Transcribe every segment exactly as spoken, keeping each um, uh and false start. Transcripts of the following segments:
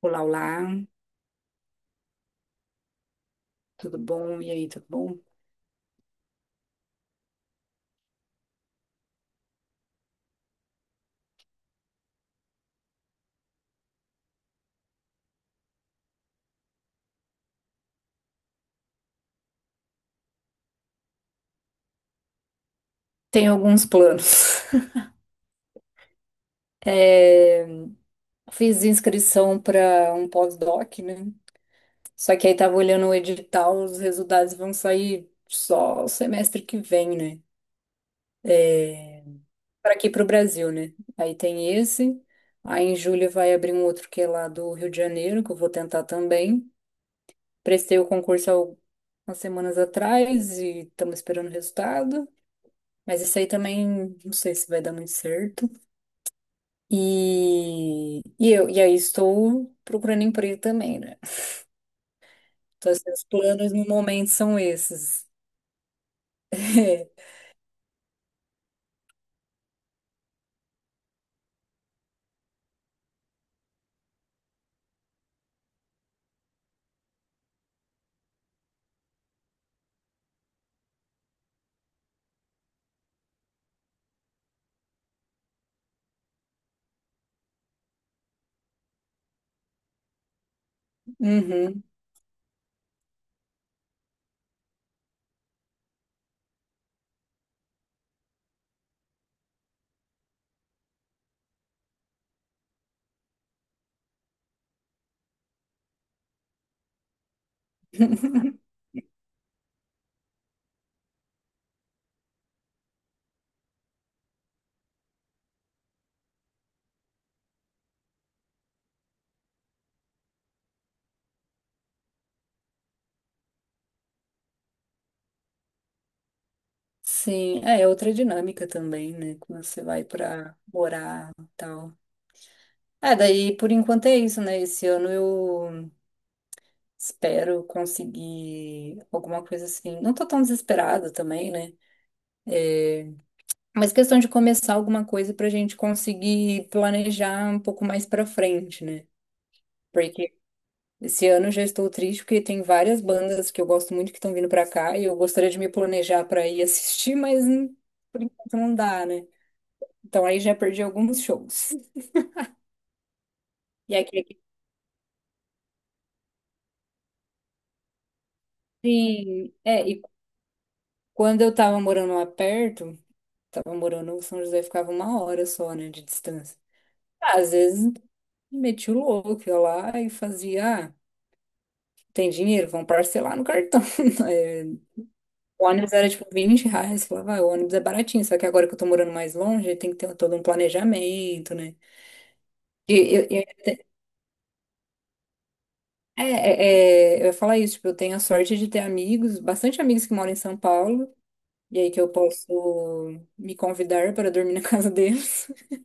Olá, olá, tudo bom? E aí, tudo bom? Tenho alguns planos. É, fiz inscrição para um pós-doc, né? Só que aí tava olhando o edital, os resultados vão sair só o semestre que vem, né? É, para aqui para o Brasil, né? Aí tem esse. Aí em julho vai abrir um outro que é lá do Rio de Janeiro, que eu vou tentar também. Prestei o concurso há umas semanas atrás e estamos esperando o resultado. Mas isso aí também não sei se vai dar muito certo. E, e eu, e aí estou procurando emprego também, né? Então, assim, os planos no momento são esses. É. Uhum. Sim, é é outra dinâmica também, né? Quando você vai pra morar e tal. É, daí por enquanto é isso, né? Esse ano eu espero conseguir alguma coisa assim. Não tô tão desesperada também, né? Mas questão de começar alguma coisa pra gente conseguir planejar um pouco mais pra frente, né? Porque esse ano eu já estou triste porque tem várias bandas que eu gosto muito que estão vindo pra cá e eu gostaria de me planejar pra ir assistir, mas hum, por enquanto não dá, né? Então aí já perdi alguns shows. E aqui, aqui sim, é, e quando eu tava morando lá perto, tava morando, o São José ficava uma hora só, né, de distância. Ah, às vezes meti o louco ia lá e fazia, ah, tem dinheiro, vão parcelar no cartão. O ônibus era tipo vinte reais, eu falava, "Ah, o ônibus é baratinho", só que agora que eu tô morando mais longe, tem que ter todo um planejamento, né? E, eu, eu- é, é, é, eu ia falar isso, tipo, eu tenho a sorte de ter amigos, bastante amigos que moram em São Paulo, e aí que eu posso me convidar para dormir na casa deles.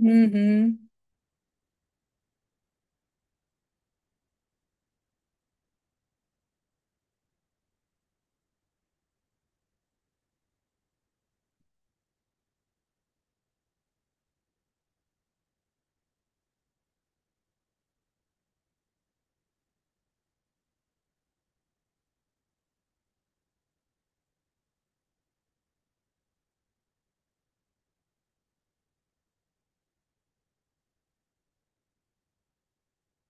Uhum,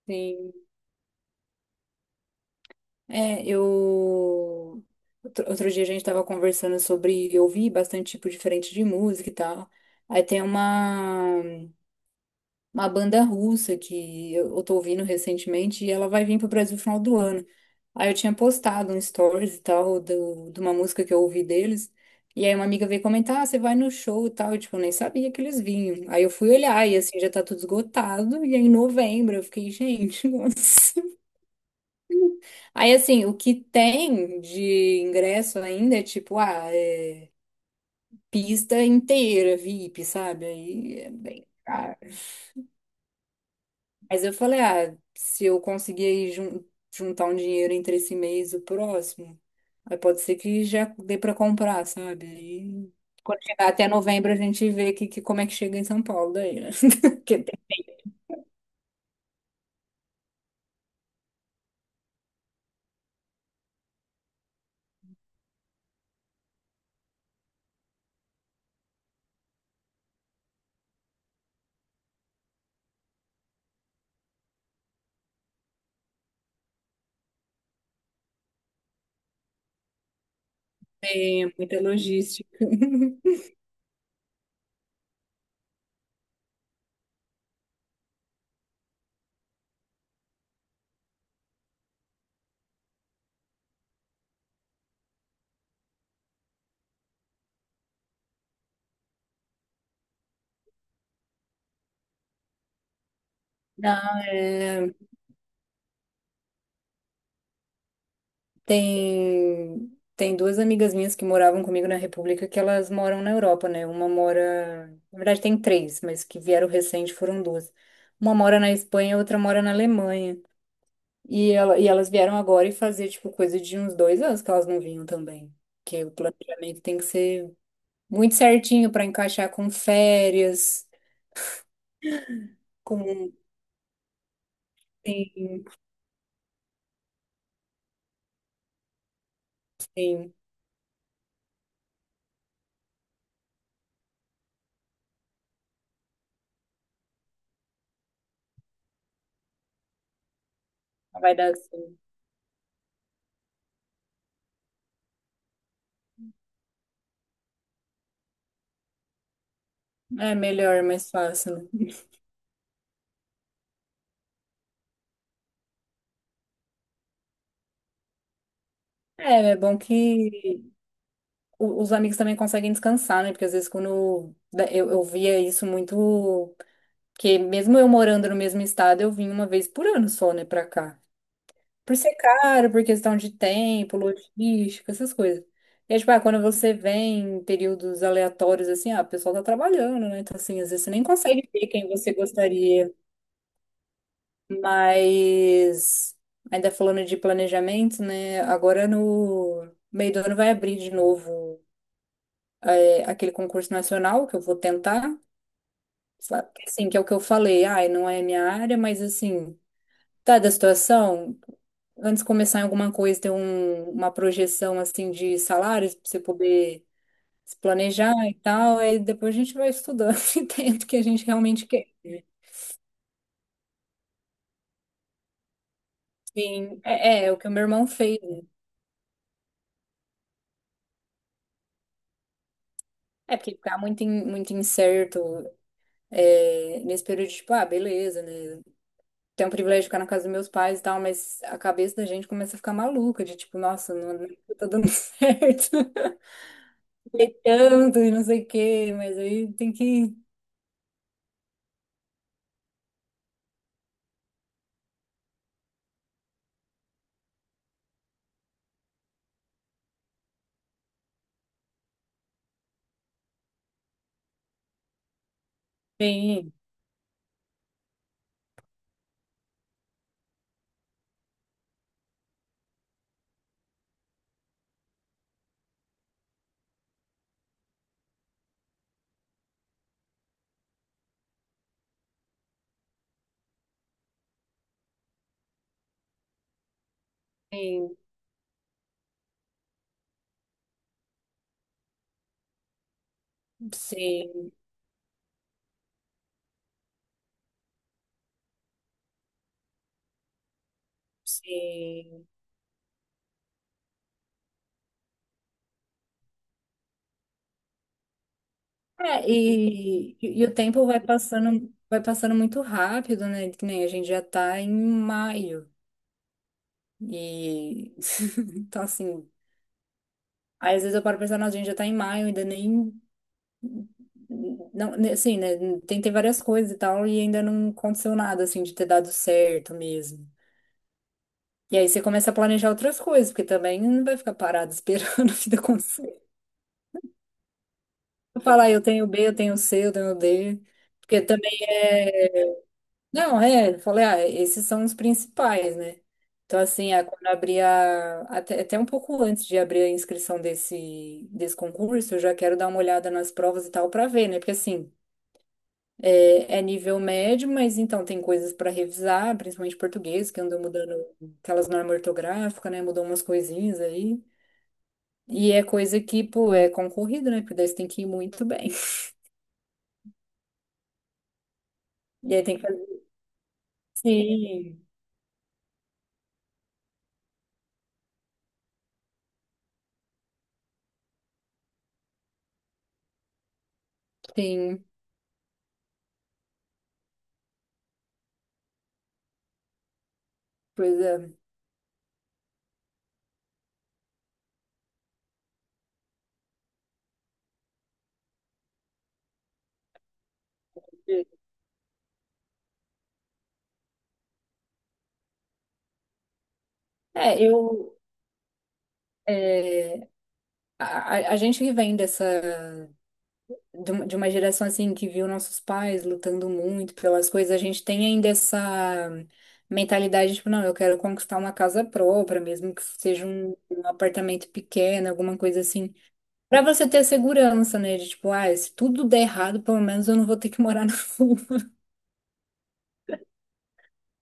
sim. É, eu. Outro, outro dia a gente tava conversando sobre ouvir bastante tipo diferente de música e tal. Aí tem uma. Uma banda russa que eu, eu tô ouvindo recentemente e ela vai vir pro Brasil no final do ano. Aí eu tinha postado um stories e tal do, de uma música que eu ouvi deles. E aí uma amiga veio comentar, ah, você vai no show e tal. Eu, tipo, nem sabia que eles vinham. Aí eu fui olhar e, assim, já tá tudo esgotado. E aí em novembro eu fiquei, gente, nossa. Aí, assim, o que tem de ingresso ainda é, tipo, ah, é pista inteira, V I P, sabe? Aí é bem caro. Mas eu falei, ah, se eu conseguir jun- juntar um dinheiro entre esse mês e o próximo, aí pode ser que já dê para comprar, sabe? Aí, quando chegar até novembro, a gente vê que, que- como é que chega em São Paulo daí, né? Porque tem é, muita logística. Não, é, tem, tem duas amigas minhas que moravam comigo na República que elas moram na Europa, né? Uma mora, na verdade tem três, mas que vieram recente foram duas. Uma mora na Espanha, outra mora na Alemanha. E, ela, e elas vieram agora e fazer, tipo, coisa de uns dois anos que elas não vinham também. Porque o planejamento tem que ser muito certinho para encaixar com férias, com. Sim, sim. Vai dar assim. É melhor, mais fácil, né? É, é bom que o- os amigos também conseguem descansar, né? Porque às vezes quando da- eu, eu via isso muito. Porque mesmo eu morando no mesmo estado, eu vim uma vez por ano só, né, pra cá. Por ser caro, por questão de tempo, logística, essas coisas. E é tipo, ah, quando você vem em períodos aleatórios, assim, ah, o pessoal tá trabalhando, né? Então, assim, às vezes você nem consegue ver quem você gostaria. Mas, ainda falando de planejamento, né? Agora no meio do ano vai abrir de novo é, aquele concurso nacional que eu vou tentar. Sabe? Assim, que é o que eu falei, ai, não é minha área, mas assim, tá da situação. Antes de começar em alguma coisa, ter um- uma projeção assim de salários para você poder se planejar e tal, aí depois a gente vai estudando e tendo o que a gente realmente quer. Sim, é, é é o que o meu irmão fez, né? É porque ficar muito, in- muito incerto é, nesse período de, tipo, ah, beleza, né? Tem o privilégio de ficar na casa dos meus pais e tal, mas a cabeça da gente começa a ficar maluca, de tipo, nossa, não, não tá dando certo. E tanto e não sei o quê, mas aí tem que. Sim, tem, sim. Sim. É, e, e o tempo vai passando, vai passando muito rápido, né? Que nem a gente já tá em maio. E então assim, aí às vezes eu paro pensando, nossa, a gente já tá em maio, ainda nem não, né, assim, né? Tentei várias coisas e tal, e ainda não aconteceu nada assim de ter dado certo mesmo. E aí você começa a planejar outras coisas, porque também não vai ficar parado esperando a vida acontecer. Falar, eu tenho B, eu tenho C, eu tenho D. Porque também. É Não, é, eu falei, ah, esses são os principais, né? Então, assim, ah, quando abrir a, até, até um pouco antes de abrir a inscrição desse, desse concurso, eu já quero dar uma olhada nas provas e tal para ver, né? Porque, assim, é, é nível médio, mas então tem coisas para revisar, principalmente português, que andou mudando aquelas normas ortográficas, né? Mudou umas coisinhas aí. E é coisa que, pô, é concorrida, né? Porque daí você tem que ir muito bem. E aí tem que fazer. Sim, sim, pois é. É, eu. é, A, a a gente que vem dessa, de uma de uma geração assim que viu nossos pais lutando muito pelas coisas, a gente tem ainda essa mentalidade, tipo, não, eu quero conquistar uma casa própria, mesmo que seja um, um apartamento pequeno, alguma coisa assim. Pra você ter a segurança, né? De tipo, ah, se tudo der errado, pelo menos eu não vou ter que morar na rua.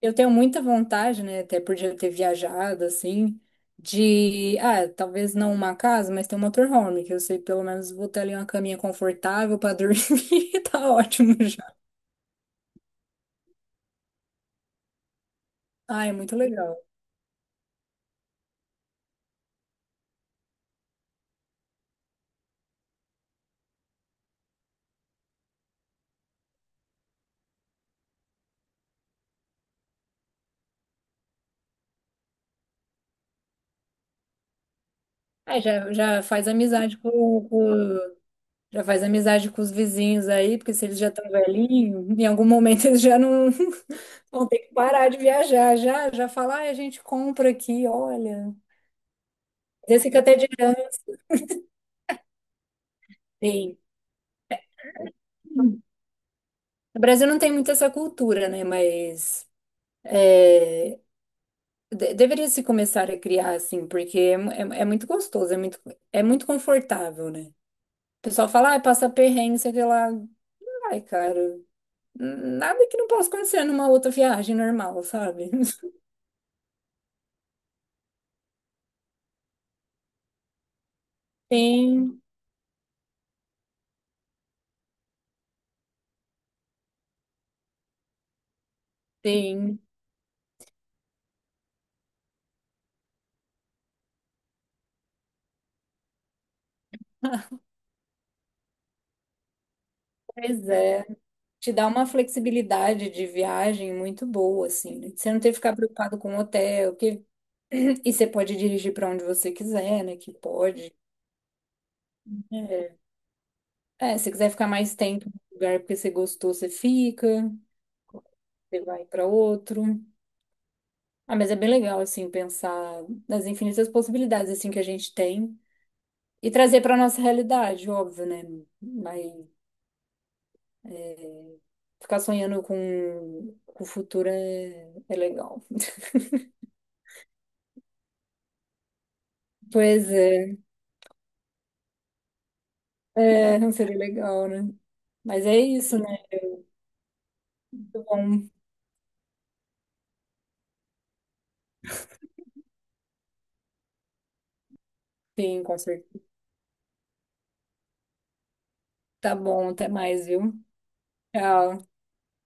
Eu tenho muita vontade, né, até por já ter viajado, assim, de, ah, talvez não uma casa, mas ter um motorhome, que eu sei pelo menos vou ter ali uma caminha confortável pra dormir, tá ótimo já. Ah, é muito legal. É, já, já faz amizade com, com- já faz amizade com os vizinhos aí, porque se eles já estão velhinhos, em algum momento eles já não vão ter que parar de viajar, já, já falar, ah, a gente compra aqui, olha. Esse que até de Sim. No Brasil não tem muito essa cultura, né? Mas é, de- deveria se começar a criar assim, porque é, mu- é- é muito gostoso, é muito, é muito confortável, né? O pessoal fala, ah, passa perrengue, sei que lá. Ai, cara, nada que não possa acontecer numa outra viagem normal, sabe? Sim, sim. Pois é. Te dá uma flexibilidade de viagem muito boa, assim, né? Você não tem que ficar preocupado com o hotel, que... e você pode dirigir para onde você quiser, né? Que pode, né? É, se quiser ficar mais tempo no lugar porque você gostou, você fica, você vai para outro. Ah, mas é bem legal, assim, pensar nas infinitas possibilidades, assim, que a gente tem e trazer para nossa realidade, óbvio, né? Mas ficar sonhando com, com o futuro é, é legal. Pois é, é, não seria legal, né? Mas é isso, né? Muito bom, sim, com certeza. Tá bom, até mais, viu? Tchau.